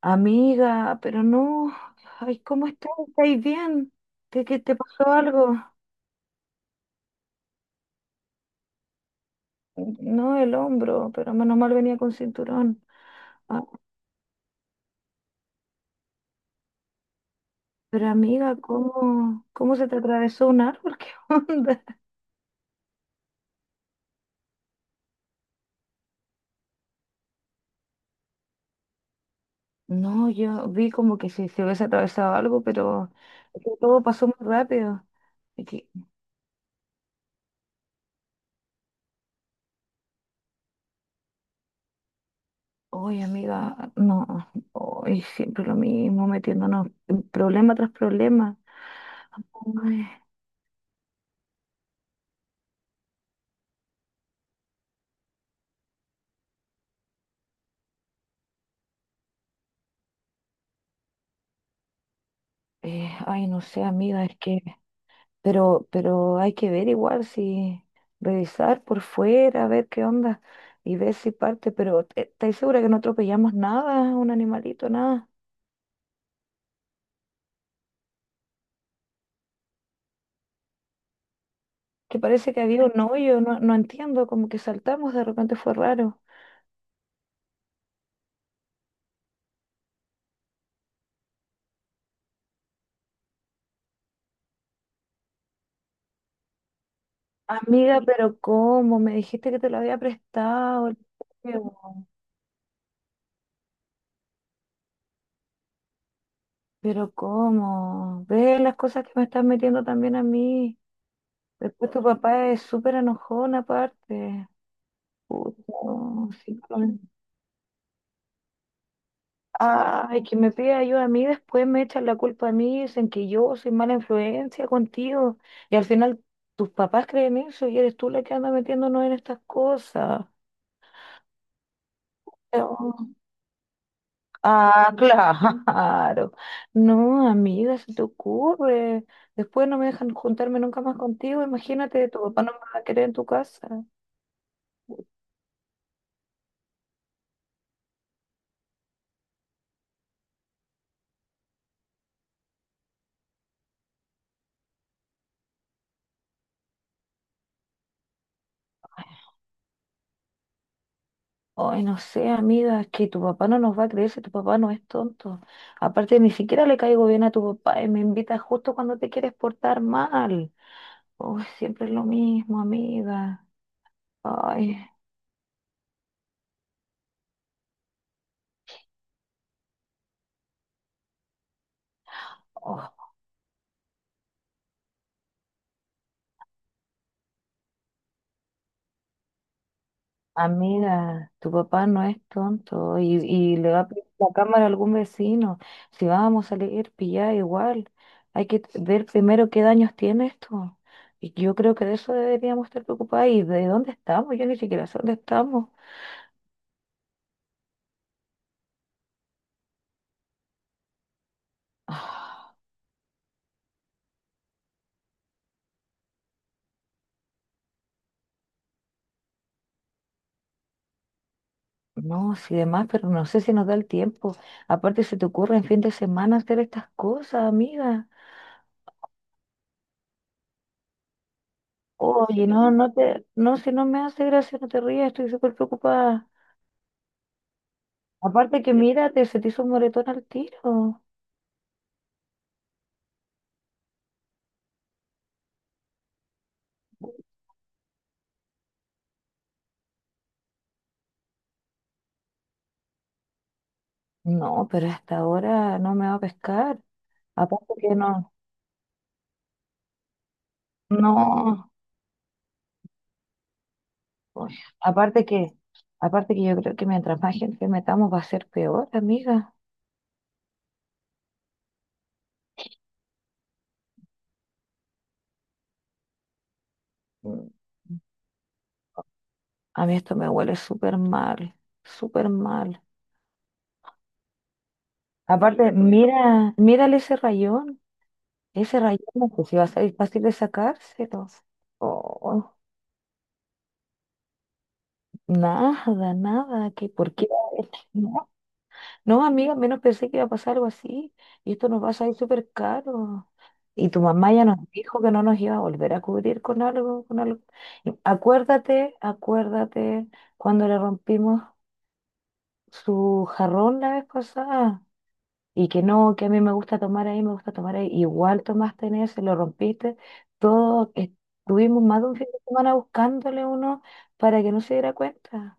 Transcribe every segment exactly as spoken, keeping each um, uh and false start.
Amiga, pero no, ay, ¿cómo estás? ¿Estáis bien? ¿Qué, qué te pasó algo? No, el hombro, pero menos mal venía con cinturón. Ah, pero amiga, ¿cómo, cómo se te atravesó un árbol? ¿Qué onda? No, yo vi como que si se hubiese atravesado algo, pero es que todo pasó muy rápido. Y que, oye, amiga, no, hoy siempre lo mismo, metiéndonos en problema tras problema. Ay, eh, ay, no sé, amiga, es que Pero, pero hay que ver igual si revisar por fuera, ver qué onda y ver si parte. Pero ¿te- ¿estáis segura que no atropellamos nada, un animalito, nada? Que parece que había un hoyo, no, no entiendo, como que saltamos, de repente fue raro. Amiga, pero ¿cómo? Me dijiste que te lo había prestado el juego. Pero ¿cómo? Ve las cosas que me estás metiendo también a mí. Después tu papá es súper enojón aparte. Puta, no, sí, no. Ay, que me pide ayuda a mí, después me echan la culpa a mí, dicen que yo soy mala influencia contigo. Y al final tus papás creen eso y eres tú la que anda metiéndonos en estas cosas. Pero- Ah, claro. No, amiga, se te ocurre. Después no me dejan juntarme nunca más contigo. Imagínate, tu papá no me va a querer en tu casa. Ay, no sé, amiga, es que tu papá no nos va a creer si tu papá no es tonto. Aparte, ni siquiera le caigo bien a tu papá y me invita justo cuando te quieres portar mal. Uy, siempre es lo mismo, amiga. Ay, oh, amiga, tu papá no es tonto y, y le va a pedir la cámara a algún vecino. Si vamos a salir pillada igual, hay que ver primero qué daños tiene esto. Y yo creo que de eso deberíamos estar preocupados y de dónde estamos. Yo ni siquiera sé dónde estamos. Ah. No, sí, demás, pero no sé si nos da el tiempo. Aparte, se te ocurre en fin de semana hacer estas cosas, amiga. Oye, no, no te, no, si no me hace gracia, no te rías, estoy súper preocupada. Aparte que mírate, se te hizo un moretón al tiro. No, pero hasta ahora no me va a pescar. Aparte que no, no. Uy, Aparte que, aparte que yo creo que mientras más gente metamos va a ser peor, amiga. Mm, A mí esto me huele súper mal, súper mal. Aparte, mira, mírale ese rayón. Ese rayón, pues si va a ser fácil de sacárselo. Oh, nada, nada. ¿Qué, por qué? No, no, amiga, menos pensé que iba a pasar algo así. Y esto nos va a salir súper caro. Y tu mamá ya nos dijo que no nos iba a volver a cubrir con algo, con algo. Y acuérdate, acuérdate cuando le rompimos su jarrón la vez pasada. Y que no, que a mí me gusta tomar ahí, me gusta tomar ahí. Igual tomaste en ese, lo rompiste. Todo estuvimos más de un fin de semana buscándole uno para que no se diera cuenta.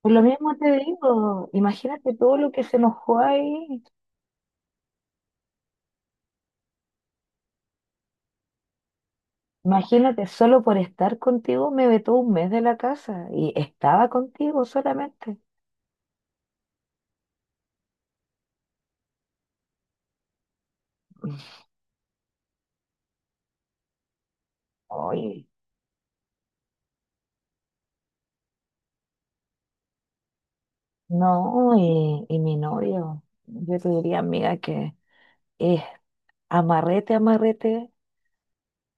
Por lo mismo te digo, imagínate todo lo que se enojó ahí. Imagínate, solo por estar contigo me vetó un mes de la casa y estaba contigo solamente. Oye, no, y, y mi novio, yo te diría, amiga, que es amarrete, amarrete.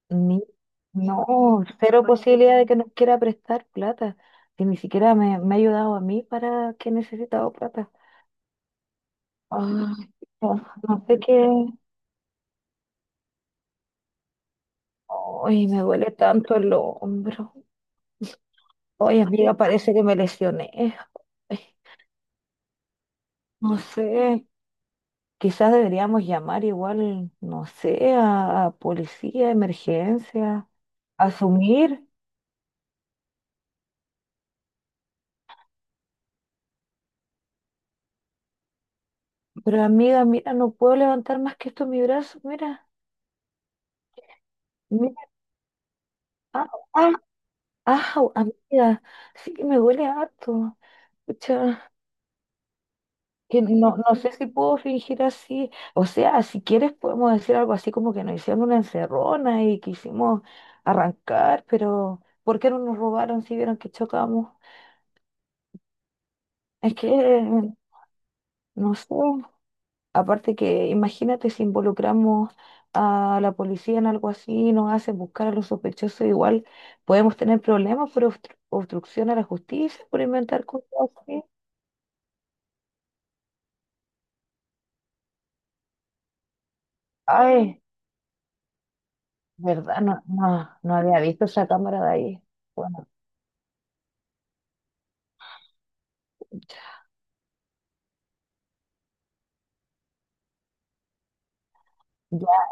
Ni- no, cero posibilidad de que nos quiera prestar plata. Si ni siquiera me, me ha ayudado a mí para que he necesitado plata. Ah, no, no sé qué. Ay, me duele tanto el hombro. Ay, amiga, parece que me lesioné. Ay, no sé. Quizás deberíamos llamar igual, no sé, a, a policía, emergencia, asumir. Pero amiga, mira, no puedo levantar más que esto en mi brazo. Mira, mira. Ah, ah, Ah, amiga, sí que me duele harto. Pucha, que no, no sé si puedo fingir así. O sea, si quieres podemos decir algo así como que nos hicieron una encerrona y quisimos arrancar, pero ¿por qué no nos robaron si vieron que chocamos? Es que, no sé, aparte que imagínate si involucramos a la policía en algo así, y nos hacen buscar a los sospechosos igual, podemos tener problemas por obstru- obstrucción a la justicia, por inventar cosas así. Ay. ¿Verdad? No, no, no había visto esa cámara de ahí. Bueno, ya,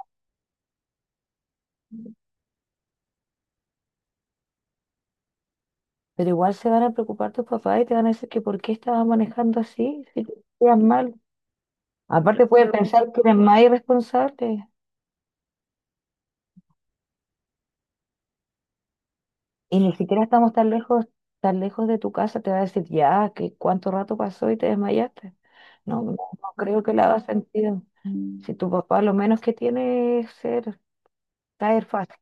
pero igual se van a preocupar tus papás y te van a decir que por qué estabas manejando así, si te sentías mal. Aparte pueden pensar que eres más irresponsable y ni siquiera estamos tan lejos, tan lejos de tu casa, te va a decir ya, que cuánto rato pasó y te desmayaste. No, no, no creo que le haga sentido. Si tu papá lo menos que tiene es ser caer fácil.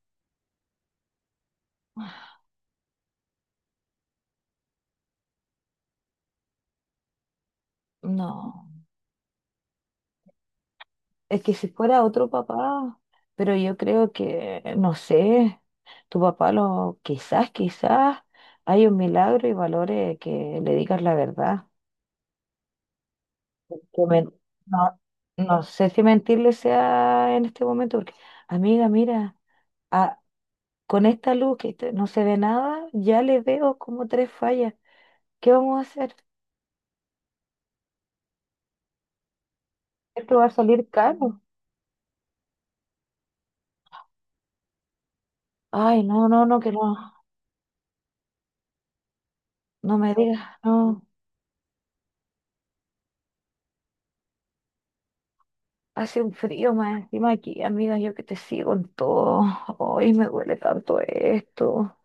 No. Es que si fuera otro papá, pero yo creo que, no sé, tu papá lo, quizás, quizás hay un milagro y valore que le digas la verdad. Que men- no, no sé si mentirle sea en este momento, porque, amiga, mira, a- con esta luz que te- no se ve nada, ya le veo como tres fallas. ¿Qué vamos a hacer? Esto va a salir caro. Ay, no, no, no, que no, no me digas, no. Hace un frío más encima aquí, amiga, yo que te sigo en todo. Hoy me duele tanto esto.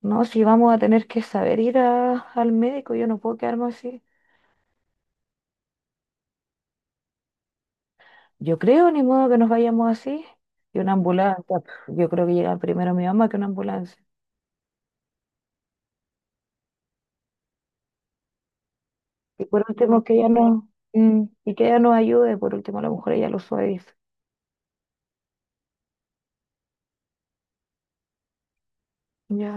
No, si vamos a tener que saber ir a- al médico, yo no puedo quedarme así. Yo creo, ni modo que nos vayamos así. Y una ambulancia, pf, yo creo que llega primero mi mamá que una ambulancia. Y por último, que ella no, mm, y que ella nos ayude, por último, a lo mejor ella lo suaviza. Ya.